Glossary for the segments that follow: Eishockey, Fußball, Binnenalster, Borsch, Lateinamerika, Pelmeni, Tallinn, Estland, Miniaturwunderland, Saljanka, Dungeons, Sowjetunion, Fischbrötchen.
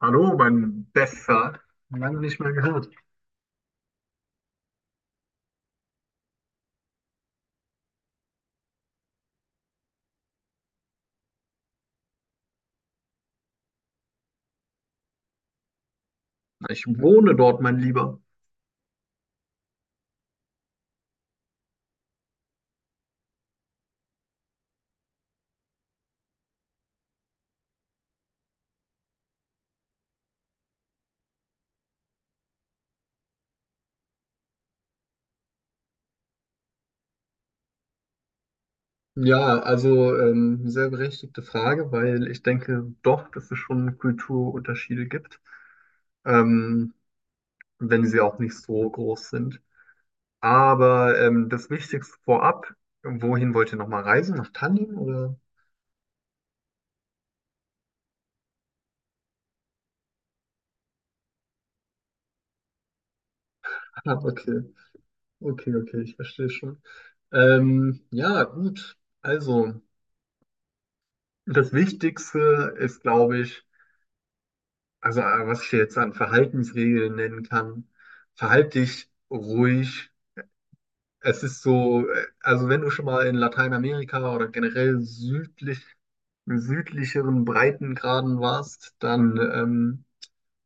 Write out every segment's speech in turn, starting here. Hallo, mein Bester. Lange nicht mehr gehört. Ich wohne dort, mein Lieber. Ja, also sehr berechtigte Frage, weil ich denke doch, dass es schon Kulturunterschiede gibt, ähm, wenn sie auch nicht so groß sind. Aber das Wichtigste vorab, wohin wollt ihr nochmal reisen? Nach Tallinn oder? Ah, okay, okay, ich verstehe schon. Ja, gut. Also, das Wichtigste ist, glaube ich, also, was ich jetzt an Verhaltensregeln nennen kann, verhalte dich ruhig. Es ist so, also wenn du schon mal in Lateinamerika oder generell südlicheren Breitengraden warst, dann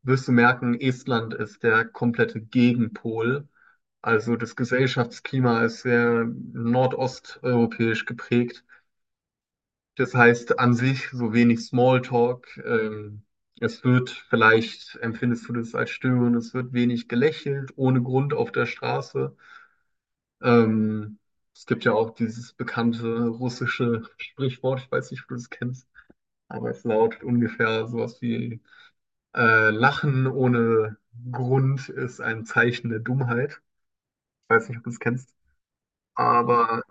wirst du merken, Estland ist der komplette Gegenpol. Also das Gesellschaftsklima ist sehr nordosteuropäisch geprägt. Das heißt an sich so wenig Smalltalk. Es wird vielleicht, empfindest du das als störend, es wird wenig gelächelt, ohne Grund auf der Straße. Ähm, es gibt ja auch dieses bekannte russische Sprichwort, ich weiß nicht, ob du das kennst, aber es lautet ungefähr sowas wie Lachen ohne Grund ist ein Zeichen der Dummheit. Ich weiß nicht, ob du das kennst. Aber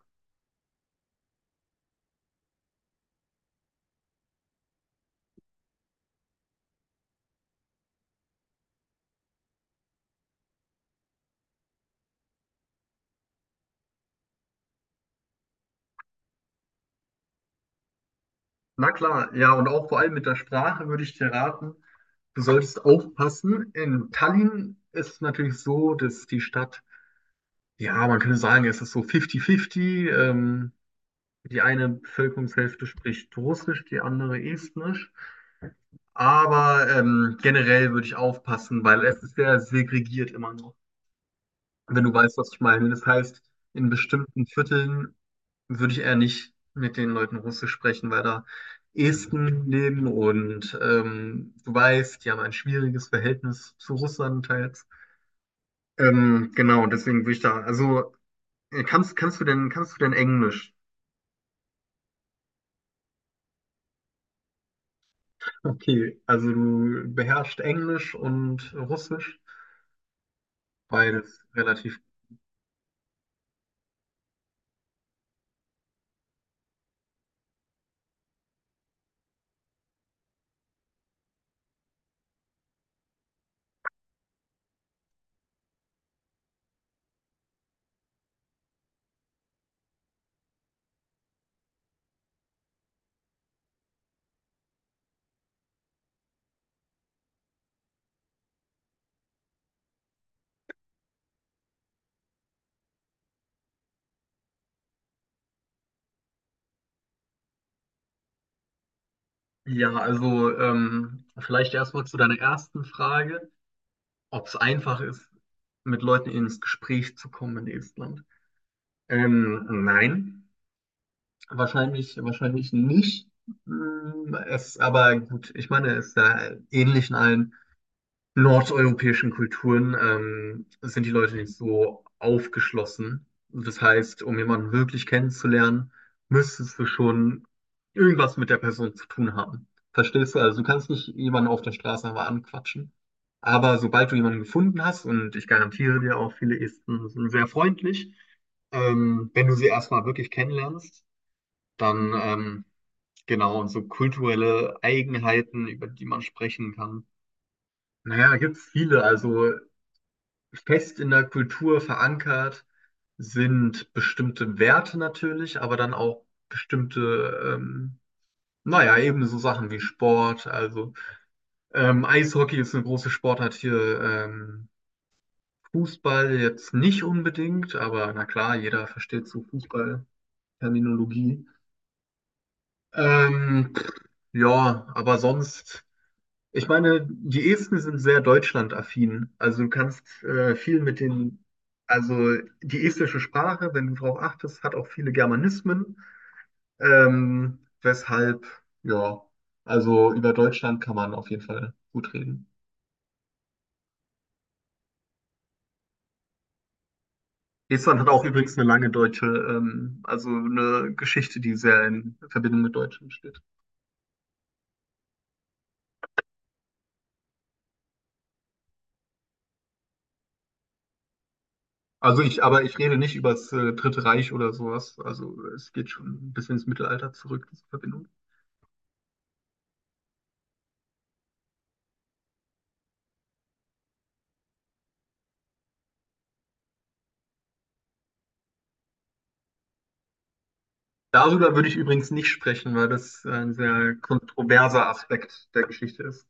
na klar, ja, und auch vor allem mit der Sprache würde ich dir raten, du solltest aufpassen. In Tallinn ist es natürlich so, dass die Stadt, ja, man könnte sagen, es ist so 50-50. Die eine Bevölkerungshälfte spricht Russisch, die andere Estnisch. Aber generell würde ich aufpassen, weil es ist sehr segregiert immer noch. Wenn du weißt, was ich meine. Das heißt, in bestimmten Vierteln würde ich eher nicht mit den Leuten Russisch sprechen, weil da Esten leben und du weißt, die haben ein schwieriges Verhältnis zu Russland teils. Genau, deswegen würde ich da, also kannst du denn Englisch? Okay, also du beherrschst Englisch und Russisch, beides relativ. Ja, also vielleicht erstmal zu deiner ersten Frage, ob es einfach ist, mit Leuten ins Gespräch zu kommen in Estland. Nein. Wahrscheinlich nicht. Aber gut, ich meine, es ist ja ähnlich in allen nordeuropäischen Kulturen, sind die Leute nicht so aufgeschlossen. Das heißt, um jemanden wirklich kennenzulernen, müsstest du schon irgendwas mit der Person zu tun haben. Verstehst du? Also du kannst nicht jemanden auf der Straße einfach anquatschen. Aber sobald du jemanden gefunden hast, und ich garantiere dir auch, viele Esten sind sehr freundlich, wenn du sie erstmal wirklich kennenlernst, dann, genau, und so kulturelle Eigenheiten, über die man sprechen kann. Naja, da gibt es viele. Also fest in der Kultur verankert sind bestimmte Werte natürlich, aber dann auch bestimmte, naja, eben so Sachen wie Sport. Also Eishockey ist eine große Sportart hier. Fußball jetzt nicht unbedingt, aber na klar, jeder versteht so Fußball-Terminologie. Ähm, ja, aber sonst ich meine, die Esten sind sehr deutschlandaffin. Also du kannst viel mit den, also die estische Sprache, wenn du darauf achtest, hat auch viele Germanismen. Ähm, weshalb, ja, also über Deutschland kann man auf jeden Fall gut reden. Estland hat auch übrigens eine lange deutsche, also eine Geschichte, die sehr in Verbindung mit Deutschland steht. Aber ich rede nicht über das Dritte Reich oder sowas. Also es geht schon ein bisschen ins Mittelalter zurück, diese Verbindung. Darüber würde ich übrigens nicht sprechen, weil das ein sehr kontroverser Aspekt der Geschichte ist.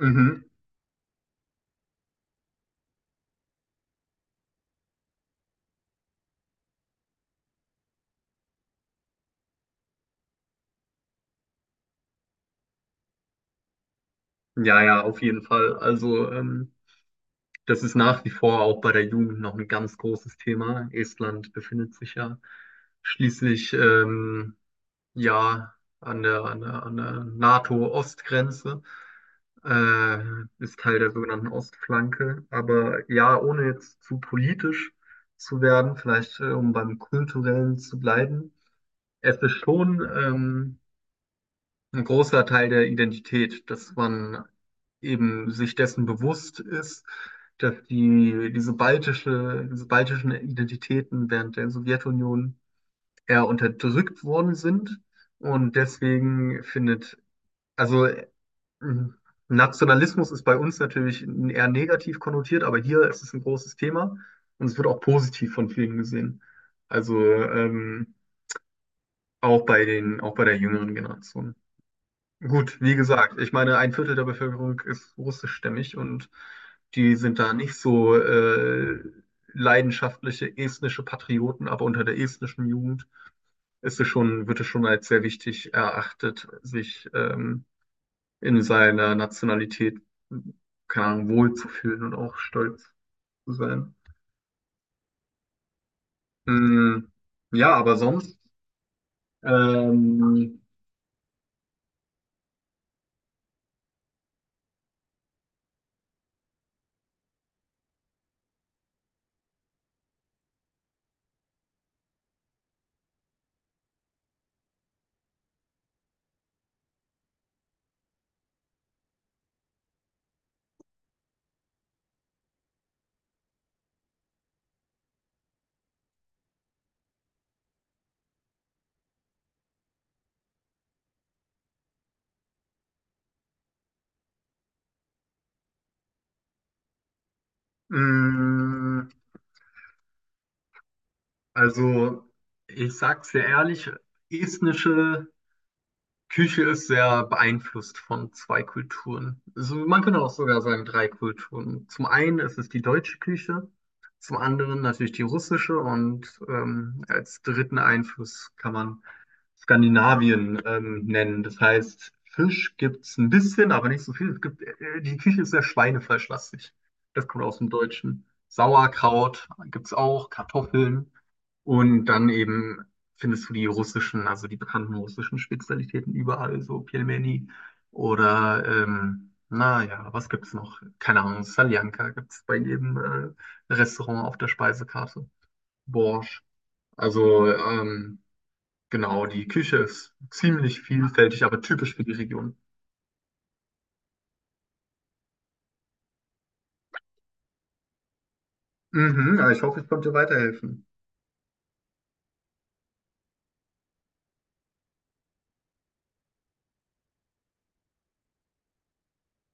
Mhm. Ja, ja, auf jeden Fall. Also, das ist nach wie vor auch bei der Jugend noch ein ganz großes Thema. Estland befindet sich ja schließlich ja an der NATO-Ostgrenze, äh, ist Teil der sogenannten Ostflanke. Aber ja, ohne jetzt zu politisch zu werden, vielleicht um beim Kulturellen zu bleiben. Es ist schon ein großer Teil der Identität, dass man eben sich dessen bewusst ist, dass diese diese baltischen Identitäten während der Sowjetunion eher unterdrückt worden sind. Und deswegen findet, also Nationalismus ist bei uns natürlich eher negativ konnotiert, aber hier ist es ein großes Thema und es wird auch positiv von vielen gesehen. Also auch bei der jüngeren Generation. Gut, wie gesagt, ich meine, ein Viertel der Bevölkerung ist russischstämmig und die sind da nicht so leidenschaftliche estnische Patrioten, aber unter der estnischen Jugend wird es schon als sehr wichtig erachtet, sich in seiner Nationalität, keine Ahnung, wohlzufühlen und auch stolz zu sein. Mm, ja, aber sonst, ähm, mm, also ich sag's dir ehrlich, estnische Küche ist sehr beeinflusst von zwei Kulturen. Also man könnte auch sogar sagen drei Kulturen. Zum einen ist es die deutsche Küche, zum anderen natürlich die russische und als dritten Einfluss kann man Skandinavien nennen. Das heißt, Fisch gibt es ein bisschen, aber nicht so viel. Es gibt, die Küche ist sehr schweinefleischlastig. Das kommt aus dem Deutschen. Sauerkraut gibt es auch, Kartoffeln. Und dann eben findest du die russischen, also die bekannten russischen Spezialitäten überall, so Pelmeni oder, naja, was gibt's noch? Keine Ahnung, Saljanka gibt's bei jedem Restaurant auf der Speisekarte. Borsch. Also, genau, die Küche ist ziemlich vielfältig, aber typisch für die Region. Mhm, ja, ich hoffe, ich konnte weiterhelfen.